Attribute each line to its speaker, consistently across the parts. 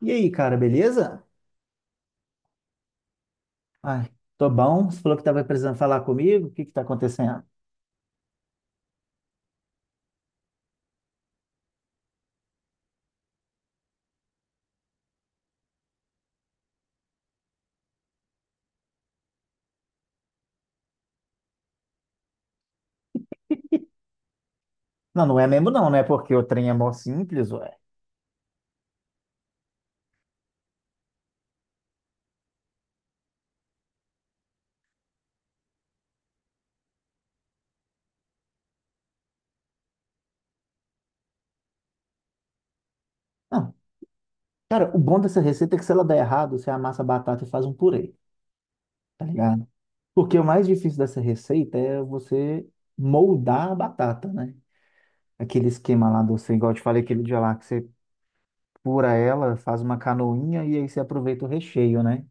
Speaker 1: E aí, cara, beleza? Ai, tô bom. Você falou que tava precisando falar comigo. O que que tá acontecendo? Não, não é mesmo não, né? Porque o trem é mó simples, ué. Não. Cara, o bom dessa receita é que se ela der errado, você amassa a batata e faz um purê, tá ligado? Porque o mais difícil dessa receita é você moldar a batata, né? Aquele esquema lá igual eu te falei aquele dia lá, que você pura ela, faz uma canoinha e aí você aproveita o recheio, né?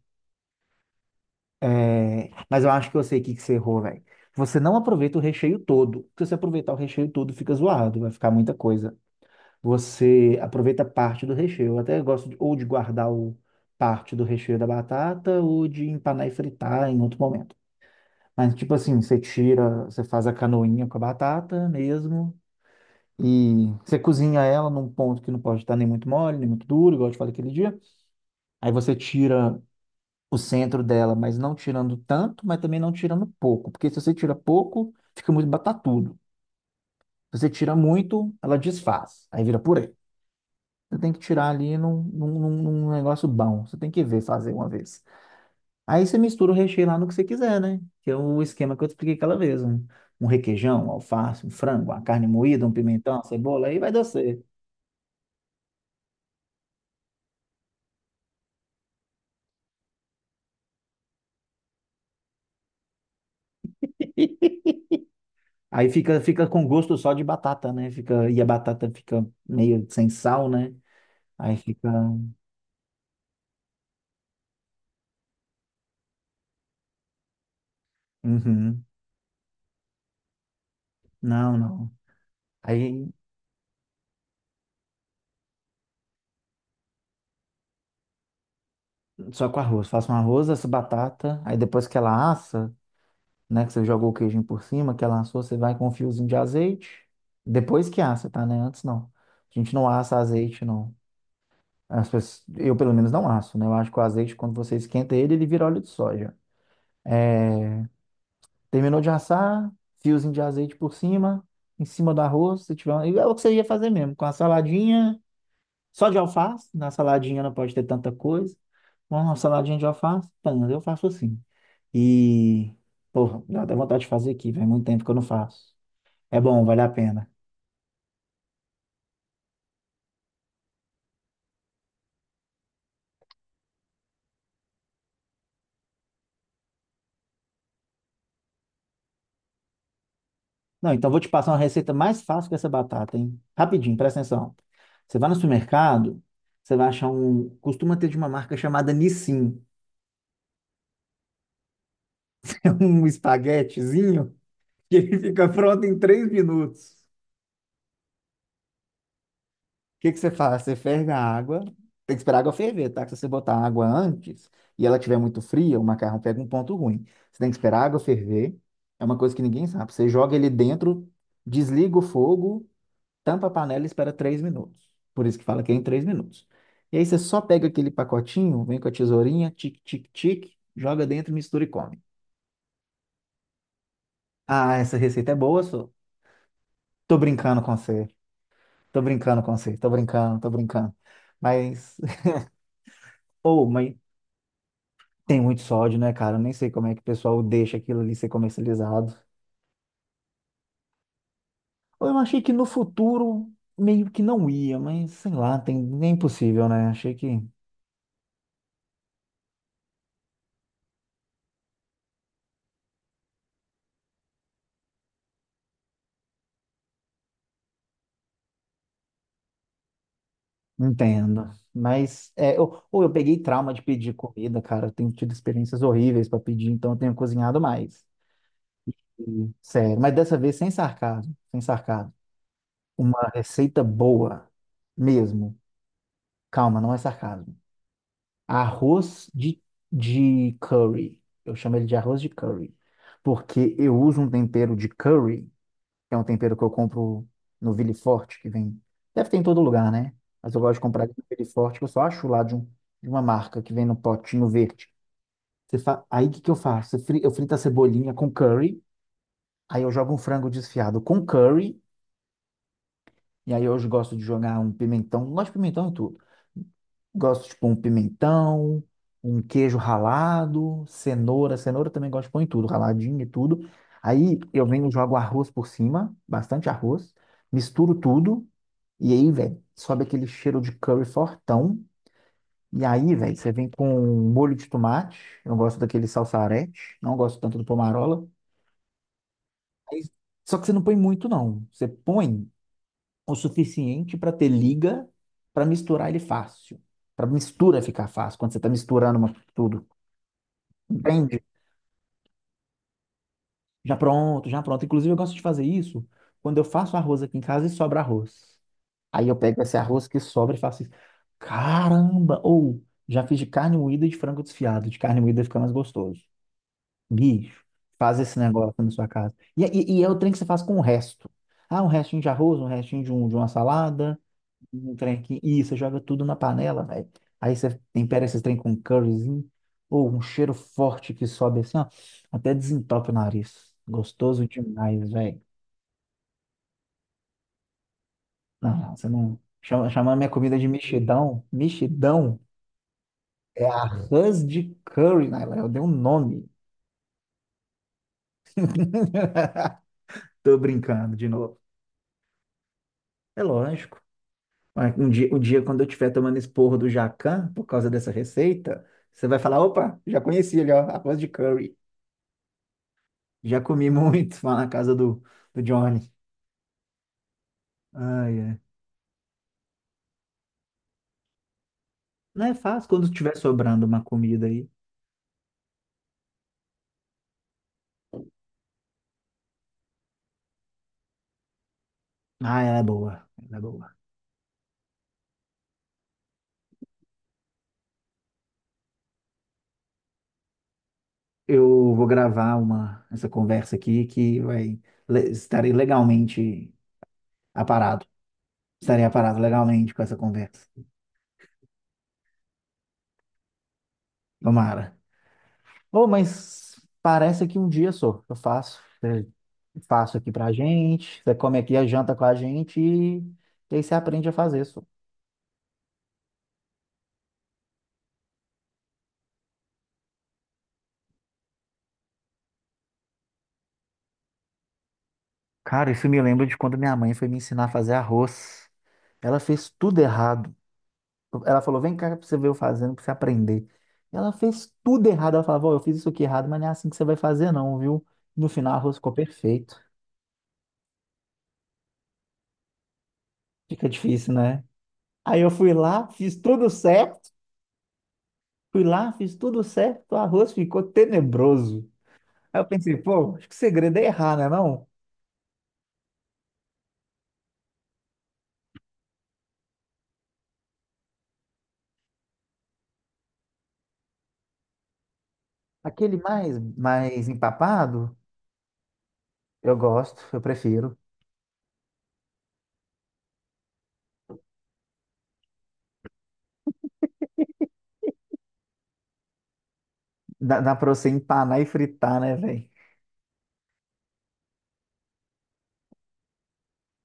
Speaker 1: É, mas eu acho que eu sei o que que você errou, velho. Você não aproveita o recheio todo. Porque se você aproveitar o recheio todo, fica zoado, vai ficar muita coisa. Você aproveita parte do recheio. Eu até gosto ou de guardar o parte do recheio da batata ou de empanar e fritar em outro momento. Mas, tipo assim, você tira, você faz a canoinha com a batata mesmo. E você cozinha ela num ponto que não pode estar nem muito mole, nem muito duro, igual eu te falei aquele dia. Aí você tira o centro dela, mas não tirando tanto, mas também não tirando pouco, porque se você tira pouco, fica muito batatudo. Se você tira muito, ela desfaz, aí vira purê. Você tem que tirar ali num negócio bom, você tem que ver fazer uma vez. Aí você mistura o recheio lá no que você quiser, né? Que é o esquema que eu te expliquei aquela vez, um requeijão, um alface, um frango, uma carne moída, um pimentão, uma cebola, aí vai dar certo. Aí fica com gosto só de batata, né? Fica, e a batata fica meio sem sal, né? Aí fica. Uhum. Não, não. Aí só com arroz. Faço um arroz, essa batata. Aí depois que ela assa, né? Que você jogou o queijinho por cima, que ela assou, você vai com um fiozinho de azeite. Depois que assa, tá? Né? Antes não. A gente não assa azeite, não. Eu pelo menos não asso, né? Eu acho que o azeite, quando você esquenta ele, ele vira óleo de soja. Terminou de assar, fiozinho de azeite por cima, em cima do arroz, se tiver. É o que você ia fazer mesmo, com a saladinha. Só de alface, na saladinha não pode ter tanta coisa. Mas uma saladinha de alface, pano, eu faço assim. E, porra, dá até vontade de fazer aqui, faz muito tempo que eu não faço. É bom, vale a pena. Não, então vou te passar uma receita mais fácil que essa batata, hein? Rapidinho, presta atenção. Você vai no supermercado, você vai achar um. Costuma ter de uma marca chamada Nissin. É um espaguetezinho que ele fica pronto em 3 minutos. Que você faz? Você ferve a água. Tem que esperar a água ferver, tá? Que se você botar a água antes e ela tiver muito fria, o macarrão pega um ponto ruim. Você tem que esperar a água ferver. É uma coisa que ninguém sabe. Você joga ele dentro, desliga o fogo, tampa a panela e espera 3 minutos. Por isso que fala que é em 3 minutos. E aí você só pega aquele pacotinho, vem com a tesourinha, tic, tic, tic, joga dentro, mistura e come. Ah, essa receita é boa, só. Tô brincando com você. Tô brincando com você. Tô brincando, tô brincando. Mas, ou, mas Tem muito sódio, né, cara? Eu nem sei como é que o pessoal deixa aquilo ali ser comercializado. Eu achei que no futuro meio que não ia, mas sei lá, tem, nem impossível, né? Achei que. Entendo. Mas é, eu peguei trauma de pedir comida, cara. Eu tenho tido experiências horríveis para pedir, então eu tenho cozinhado mais. E, sério, mas dessa vez sem sarcasmo, sem sarcasmo. Uma receita boa mesmo. Calma, não é sarcasmo. Arroz de curry. Eu chamo ele de arroz de curry. Porque eu uso um tempero de curry, que é um tempero que eu compro no Ville Forte, que vem. Deve ter em todo lugar, né? Mas eu gosto de comprar ele no Ville Forte, que eu só acho lá de uma marca que vem no potinho verde. Aí o que, que eu faço? Eu frito a cebolinha com curry, aí eu jogo um frango desfiado com curry. E aí hoje gosto de jogar um pimentão, gosto de pimentão e tudo. Gosto de pôr um pimentão, um queijo ralado, cenoura. Cenoura também gosto de pôr em tudo, raladinho e tudo. Aí eu venho, jogo arroz por cima, bastante arroz, misturo tudo. E aí, velho, sobe aquele cheiro de curry fortão. E aí, velho, você vem com um molho de tomate. Eu gosto daquele salsarete, não gosto tanto do pomarola. Aí- só que você não põe muito, não. Você põe o suficiente para ter liga para misturar ele fácil. Para mistura ficar fácil, quando você está misturando tudo. Entende? Já pronto, já pronto. Inclusive, eu gosto de fazer isso quando eu faço arroz aqui em casa e sobra arroz. Aí eu pego esse arroz que sobra e faço isso. Caramba! Ou já fiz de carne moída e de frango desfiado. De carne moída fica mais gostoso. Bicho, faz esse negócio na sua casa. E é o trem que você faz com o resto. Ah, um restinho de arroz, um restinho de uma salada. Um trem aqui. E você joga tudo na panela, velho. Aí você tempera esses trem com um curryzinho. Ou um cheiro forte que sobe assim, ó. Até desentope o nariz. Gostoso demais, velho. Não, não, você não... chamar minha comida de mexidão. Mexidão é arroz de curry, Naila. Eu dei um nome. Tô brincando de novo. É lógico. Mas um dia, um dia, quando eu estiver tomando esse porro do Jacan, por causa dessa receita, você vai falar, opa, já conheci ele, ó, arroz de curry. Já comi muito lá na casa do, Johnny. Ai, é. Não é fácil quando estiver sobrando uma comida aí. Ah, ela é boa. Ela é boa. Eu vou gravar essa conversa aqui que vai. Estarei legalmente aparado. Estarei aparado legalmente com essa conversa. Tomara. Oh, mas parece que um dia só eu faço. Faço aqui pra gente. Você come aqui a janta com a gente e aí você aprende a fazer. Cara, isso me lembra de quando minha mãe foi me ensinar a fazer arroz. Ela fez tudo errado. Ela falou: vem cá pra você ver eu fazendo, pra você aprender. Ela fez tudo errado. Ela falava: "Ó, eu fiz isso aqui errado, mas não é assim que você vai fazer, não, viu?" No final, o arroz ficou perfeito. Fica difícil, né? Aí eu fui lá, fiz tudo certo. Fui lá, fiz tudo certo. O arroz ficou tenebroso. Aí eu pensei: pô, acho que o segredo é errar, né? Não? Aquele mais, mais empapado, eu gosto, eu prefiro. Dá pra você empanar e fritar, né, velho?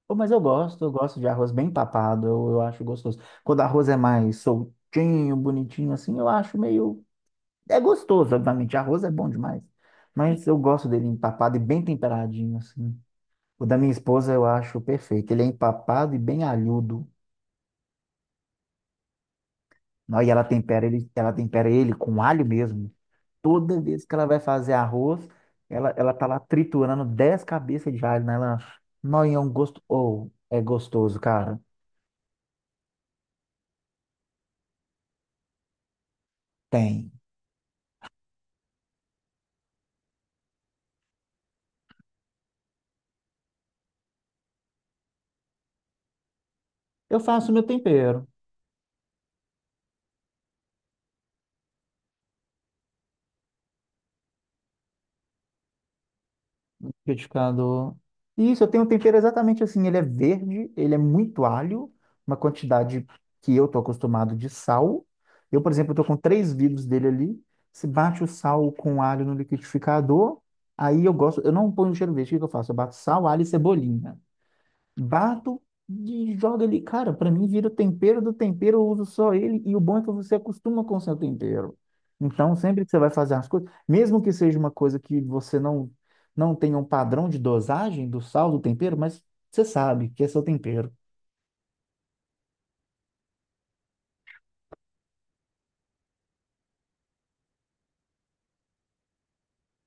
Speaker 1: Pô, mas eu gosto de arroz bem papado, eu acho gostoso. Quando arroz é mais soltinho, bonitinho assim, eu acho meio. É gostoso, obviamente. Arroz é bom demais. Mas eu gosto dele empapado e bem temperadinho, assim. O da minha esposa eu acho perfeito. Ele é empapado e bem alhudo. Nó, e ela tempera ele, com alho mesmo. Toda vez que ela vai fazer arroz, ela tá lá triturando 10 cabeças de alho, né, ela Nó, e é um gosto. Ou é gostoso, cara. Tem. Eu faço meu tempero. Liquidificador. Isso, eu tenho um tempero exatamente assim. Ele é verde, ele é muito alho, uma quantidade que eu tô acostumado de sal. Eu, por exemplo, tô com três vidros dele ali. Se bate o sal com alho no liquidificador, aí eu gosto. Eu não ponho cheiro verde, o que que eu faço? Eu bato sal, alho e cebolinha, bato e jogo ali. Cara, pra mim vira o tempero do tempero, eu uso só ele. E o bom é que você acostuma com o seu tempero. Então, sempre que você vai fazer as coisas, mesmo que seja uma coisa que você não tenha um padrão de dosagem do sal, do tempero, mas você sabe que é seu tempero.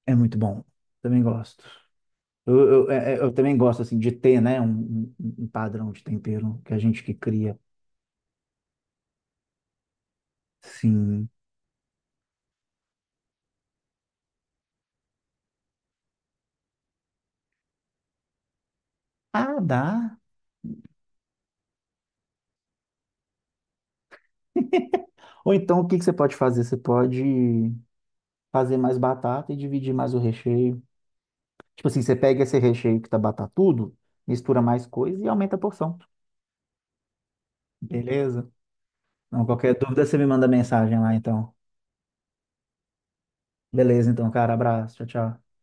Speaker 1: É muito bom. Também gosto. Eu, eu também gosto, assim, de ter, né, um, um padrão de tempero que a gente que cria. Sim. Ah, dá. Ou então, o que que você pode fazer? Você pode fazer mais batata e dividir mais o recheio. Tipo assim, você pega esse recheio que tá batatudo, mistura mais coisa e aumenta a porção. Beleza? Então, qualquer dúvida, você me manda mensagem lá, então. Beleza, então, cara. Abraço. Tchau, tchau.